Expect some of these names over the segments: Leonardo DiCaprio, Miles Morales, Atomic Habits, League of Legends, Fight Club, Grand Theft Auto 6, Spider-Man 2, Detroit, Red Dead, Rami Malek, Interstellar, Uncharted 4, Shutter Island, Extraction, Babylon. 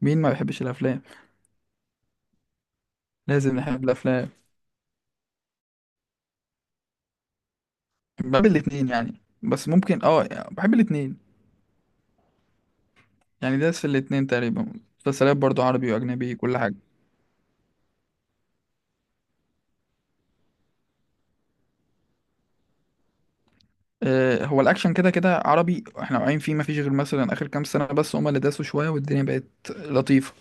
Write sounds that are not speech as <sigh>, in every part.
مين ما بيحبش الافلام؟ لازم نحب الافلام. بحب الاتنين يعني، بس ممكن يعني بحب الاتنين، يعني دايس في الاتنين تقريبا. مسلسلات برضو عربي واجنبي، كل حاجه. هو الاكشن كده كده عربي، احنا واقعين فيه، ما فيش غير مثلا اخر كام سنه بس، هما اللي داسوا شويه والدنيا بقت لطيفه،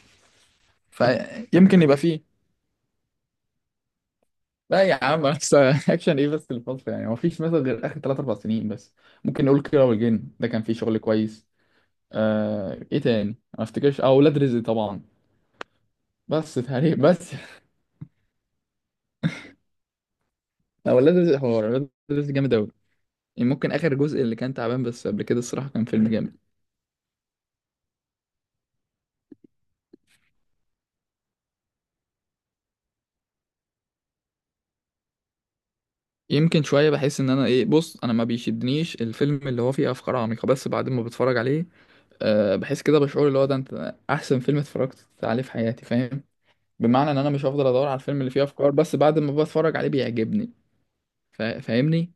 فيمكن يبقى فيه. لا يا عم بس <laughs> اكشن ايه بس؟ الفترة يعني ما فيش مثلا غير اخر 3 4 سنين بس. ممكن نقول كيرة والجن، ده كان فيه شغل كويس. ايه تاني؟ ما افتكرش. اه، ولاد رزق طبعا. بس تقريبا بس. هو ولاد رزق، حوار ولاد رزق جامد أوي، يعني ممكن آخر جزء اللي كان تعبان، بس قبل كده الصراحة كان فيلم جامد. يمكن شوية بحس إن أنا إيه، بص، أنا ما بيشدنيش الفيلم اللي هو فيه أفكار عميقة، بس بعد ما بتفرج عليه أه بحس كده بشعور اللي هو ده، أنت أحسن فيلم اتفرجت عليه في حياتي، فاهم؟ بمعنى إن أنا مش هفضل أدور على الفيلم اللي فيه أفكار، بس بعد ما بتفرج عليه بيعجبني. فاهمني؟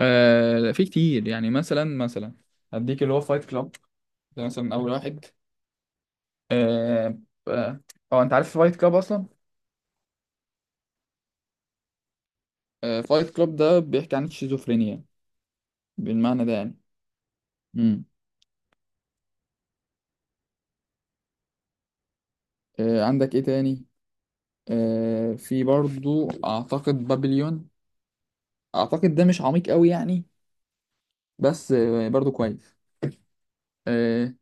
أه لا، في كتير يعني، مثلا هديك اللي هو فايت كلاب. ده مثلا أول واحد. أه. آه، هو أنت عارف فايت كلاب أصلا؟ آه، فايت كلوب ده بيحكي عن الشيزوفرينيا بالمعنى ده يعني. امم آه، عندك ايه تاني؟ آه، في برضو اعتقد بابليون. اعتقد ده مش عميق قوي يعني، بس آه، برضو كويس. آه،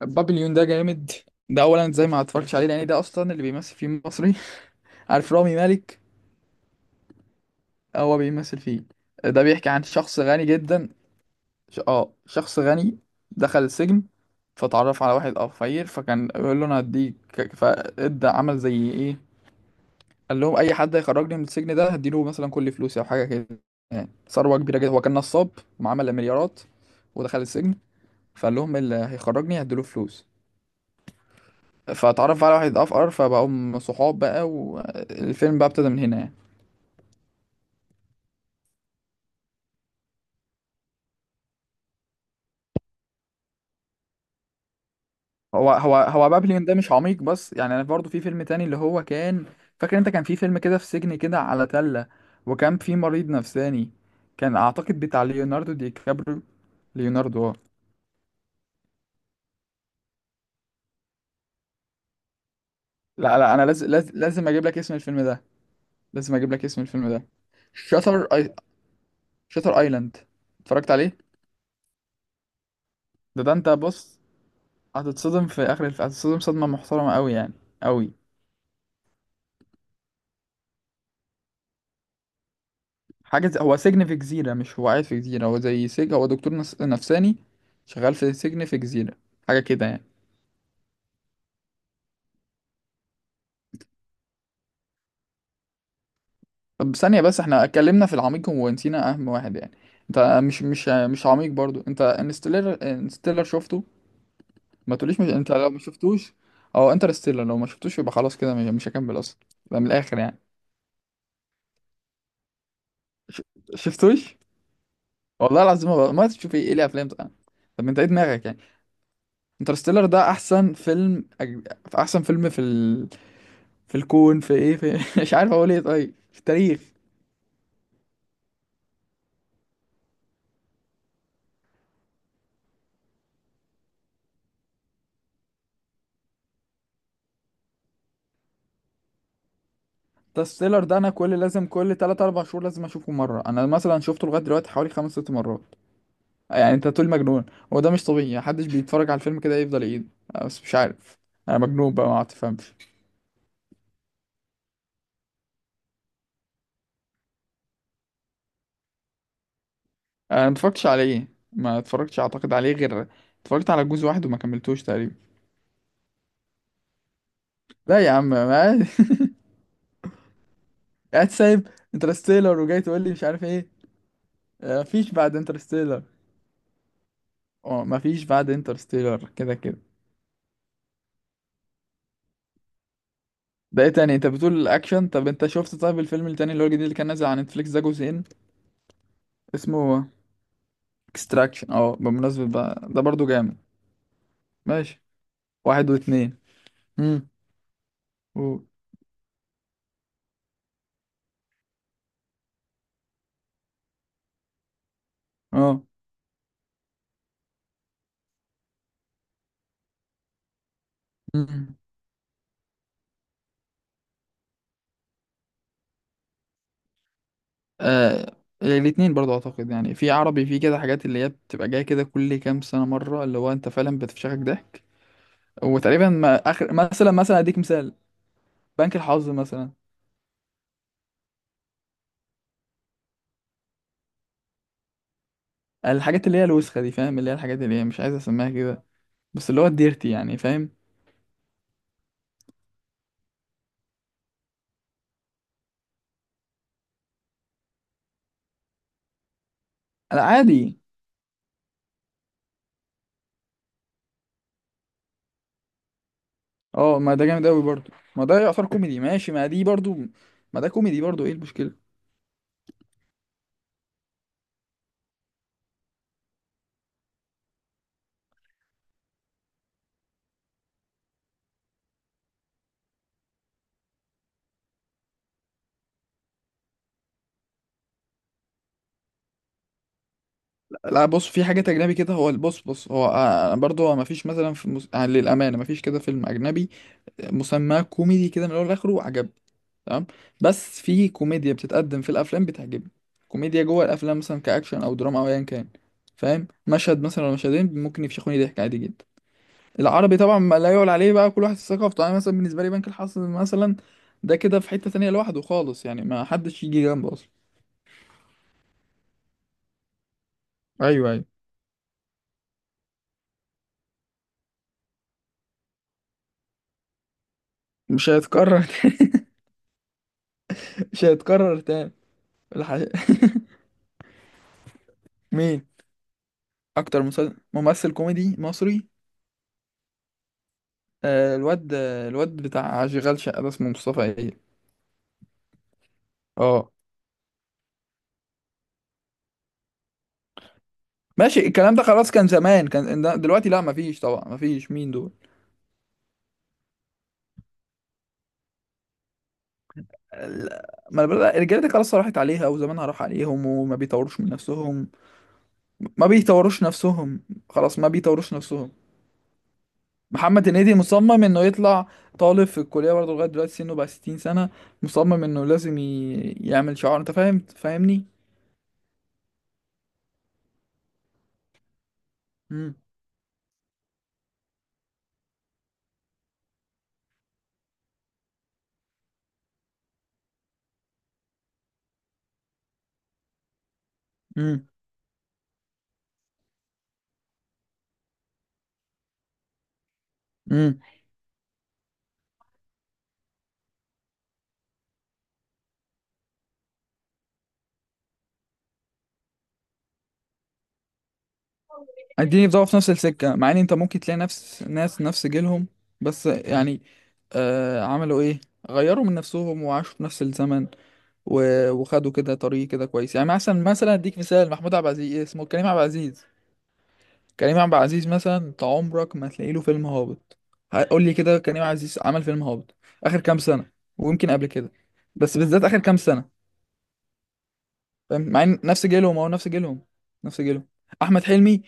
بابليون ده جامد. ده اولا زي ما اتفرجتش عليه لان ده اصلا اللي بيمثل فيه مصري <laughs> عارف رامي مالك؟ هو بيمثل فيه. آه، ده بيحكي عن شخص غني جدا، اه شخص غني دخل السجن، فتعرف على واحد اه فقير، فكان يقول له انا هديك. فادى عمل زي ايه، قال لهم اي حد هيخرجني من السجن ده هديله مثلا كل فلوسي او حاجه كده، يعني ثروه كبيره جدا. هو كان نصاب ومعامل مليارات، ودخل السجن. فقال لهم اللي هيخرجني هديله فلوس، فاتعرف على واحد افقر، فبقوا صحاب بقى، والفيلم بقى ابتدى من هنا يعني. هو بابليون ده مش عميق، بس يعني انا برضه في فيلم تاني اللي هو كان، فاكر؟ انت كان في فيلم كده في سجن كده على تله، وكان في مريض نفساني، كان اعتقد بتاع ليوناردو دي كابريو. ليوناردو اه. لا انا لازم اجيب لك اسم الفيلم ده. لازم اجيب لك اسم الفيلم ده. شاتر اي شاتر ايلاند، اتفرجت عليه. ده ده انت بص، هتتصدم في اخر هتتصدم صدمة محترمة قوي يعني، قوي. حاجة زي... هو سجن في جزيرة، مش هو قاعد في جزيرة، هو زي سجن. هو دكتور نفساني شغال في سجن في جزيرة، حاجة كده يعني. طب ثانية بس، احنا اتكلمنا في العميق ونسينا اهم واحد يعني. انت مش عميق برضو، انت انستيلر شفته؟ ما تقوليش مش... انت لو ما شفتوش، او انترستيلر لو ما شفتوش، يبقى خلاص كده مش هكمل اصلا. ده من الاخر يعني. ش- شفتوش؟ والله العظيم، ما تشوف ايه؟ ليه؟ افلام طبعا. طب انت ايه دماغك يعني؟ انترستيلر ده احسن فيلم احسن فيلم في في الكون، في ايه، في <laughs> مش عارف اقول ايه، طيب في التاريخ. انترستيلر ده انا لازم كل 3 4 شهور لازم اشوفه مره. انا مثلا شفته لغايه دلوقتي حوالي 5 6 مرات، يعني انت تقول مجنون. هو ده مش طبيعي، محدش بيتفرج على الفيلم كده يفضل يعيد. أه، بس مش عارف، انا مجنون بقى، ما تفهمش. انا ما اتفرجتش عليه، ما اتفرجتش اعتقد عليه غير، اتفرجت على جزء واحد وما كملتوش تقريبا. لا يا عم، ما قاعد سايب انترستيلر وجاي تقول لي مش عارف ايه. آه، مفيش بعد انترستيلر. اه مفيش بعد انترستيلر كده كده. ده ايه تاني؟ انت بتقول الاكشن، طب انت شفت طيب الفيلم التاني اللي هو الجديد اللي كان نازل على نتفليكس ده جزئين، اسمه اكستراكشن؟ اه بمناسبة بقى، ده برضو جامد. ماشي، واحد واتنين. امم. و-. اه. امم. آه، الاتنين برضو اعتقد، يعني في عربي في كده حاجات اللي هي بتبقى جايه كده كل كام سنة مرة اللي هو انت فعلا بتفشخك ضحك. وتقريبا ما اخر، مثلا اديك مثال، بنك الحظ مثلا. الحاجات اللي هي الوسخه دي، فاهم؟ اللي هي الحاجات اللي هي مش عايز اسميها كده، بس اللي هو الديرتي يعني، فاهم؟ انا عادي. اه ما ده جامد قوي برضو، ما ده يعتبر كوميدي، ماشي، ما دي برضو، ما ده كوميدي برضو، ايه المشكله؟ لا بص، في حاجات اجنبي كده، هو بص هو آه، برضو ما فيش مثلا في آه، للامانه ما فيش كده فيلم اجنبي مسماه كوميدي كده من الاول لاخره وعجبني، تمام. بس في كوميديا بتتقدم في الافلام بتعجبني، كوميديا جوه الافلام مثلا كاكشن او دراما او ايا كان، فاهم؟ مشهد مثلا ولا مشهدين ممكن يفشخوني ضحك عادي جدا. العربي طبعا ما لا يعلى عليه بقى، كل واحد في ثقافته يعني، مثلا بالنسبه لي بنك الحظ مثلا ده كده في حته تانية لوحده خالص يعني، ما حدش يجي جنبه اصلا. ايوه ايوه. مش هيتكرر <laughs> تاني. مش هيتكرر تاني. الحقيقة. <laughs> مين؟ اكتر ممثل كوميدي مصري؟ آه، الواد الواد بتاع اشغال شقه ده، اسمه مصطفى إيه؟ اه ماشي، الكلام ده خلاص كان زمان، كان دلوقتي لا، مفيش طبعا، مفيش مين دول. لا، ما الرجاله دي خلاص راحت عليها، وزمانها راح عليهم، وما بيطوروش من نفسهم. ما بيطوروش نفسهم، خلاص، ما بيطوروش نفسهم. محمد هنيدي مصمم انه يطلع طالب في الكليه برضه لغايه دلوقتي سنه بقى 60 سنه. مصمم انه لازم يعمل شعار، انت فاهم؟ فاهمني؟ امم. امم. اديني في ضعف في نفس السكه، مع ان انت ممكن تلاقي نفس ناس نفس جيلهم، بس يعني آه عملوا ايه؟ غيروا من نفسهم وعاشوا في نفس الزمن، وخدوا كده طريق كده كويس، يعني مثلا اديك مثال، محمود عبد العزيز، إيه اسمه، كريم عبد العزيز. كريم عبد العزيز مثلا، انت عمرك ما هتلاقي له فيلم هابط. قول لي كده، كريم عبد العزيز عمل فيلم هابط اخر كام سنه؟ ويمكن قبل كده، بس بالذات اخر كام سنه. فاهم؟ مع ان نفس جيلهم، او نفس جيلهم. احمد حلمي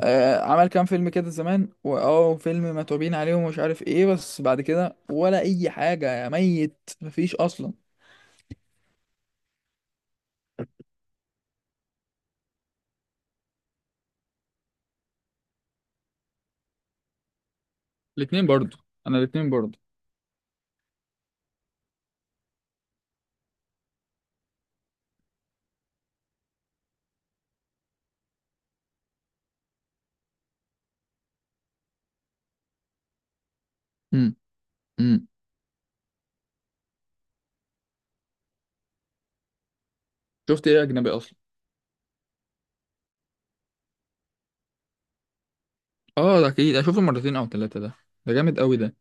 آه، عمل كام فيلم كده زمان، واه فيلم متعوبين عليه ومش عارف ايه، بس بعد كده ولا اي حاجة، يا ميت، مفيش اصلا. الاتنين برضو، انا الاتنين برضو. امم. امم. شفت ايه اجنبي اصلا؟ اه ده اكيد انا شفته مرتين او ثلاثه ده، ده جامد قوي ده.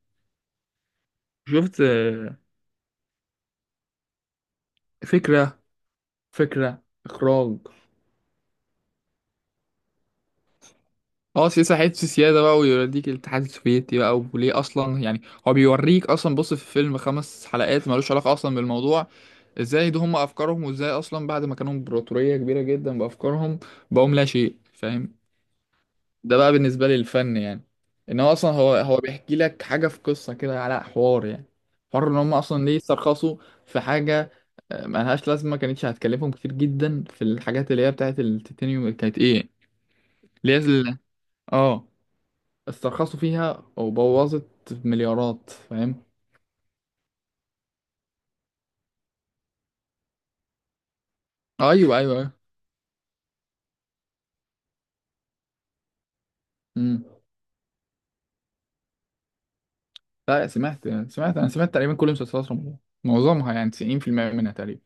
شفت آه، فكره. فكره اخراج. اه سياسه، حته سياده بقى، ويوريك الاتحاد السوفيتي بقى، وليه اصلا يعني. هو بيوريك اصلا، بص، في فيلم خمس حلقات ملوش علاقه اصلا بالموضوع، ازاي دي هم افكارهم، وازاي اصلا بعد ما كانوا امبراطورية كبيرة جدا بافكارهم بقوم لا شيء، فاهم؟ ده بقى بالنسبة لي الفن يعني، ان هو اصلا هو بيحكي لك حاجة في قصة كده على حوار يعني، حوار ان هم اصلا ليه استرخصوا في حاجة آه، ملهاش لازمة، ما كانتش هتكلفهم كتير جدا. في الحاجات اللي هي بتاعت التيتانيوم، كانت ايه، اللي هي اه، استرخصوا فيها وبوظت مليارات، فاهم؟ ايوه. مم. لا سمعت، سمعت انا سمعت تقريبا كل مسلسلات رمضان، معظمها يعني 90% منها تقريبا.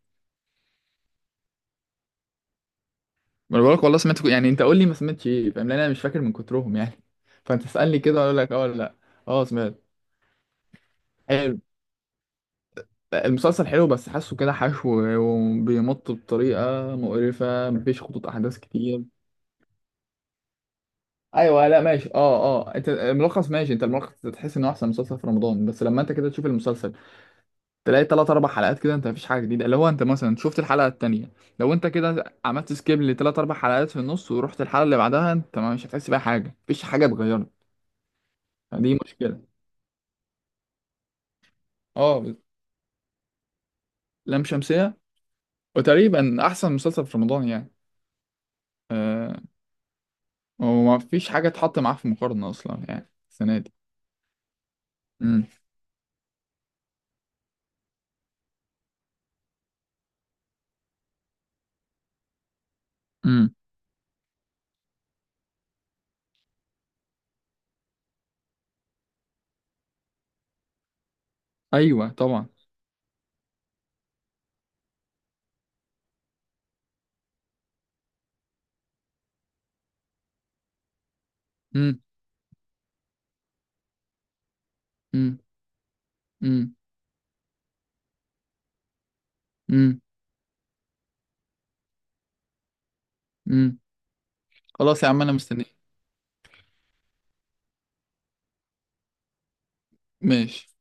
ما انا بقولك والله سمعت يعني انت قول لي ما سمعتش ايه، فاهم؟ لان انا مش فاكر من كترهم يعني <laughs> فانت تسالني كده اقول لك اه ولا لا. اه سمعت. حلو، المسلسل حلو، بس حاسه كده حشو وبيمط بطريقه مقرفه، مفيش خطوط احداث كتير. ايوه لا ماشي اه. اه انت الملخص ماشي، انت الملخص تحس انه احسن مسلسل في رمضان، بس لما انت كده تشوف المسلسل تلاقي تلات أربع حلقات كده أنت مفيش حاجة جديدة، اللي هو أنت مثلا شفت الحلقة التانية، لو أنت كده عملت سكيب لتلات أربع حلقات في النص ورحت الحلقة اللي بعدها أنت مش هتحس بأي حاجة، مفيش حاجة اتغيرت. دي مشكلة. أه، لام شمسية، وتقريبا أحسن مسلسل في رمضان يعني. أه، ومفيش حاجة تحط معاه في مقارنة أصلا يعني السنة دي. امم. امم. أيوه طبعا. امم. امم. امم. امم. خلاص يا عم أنا مستنيك. ماشي.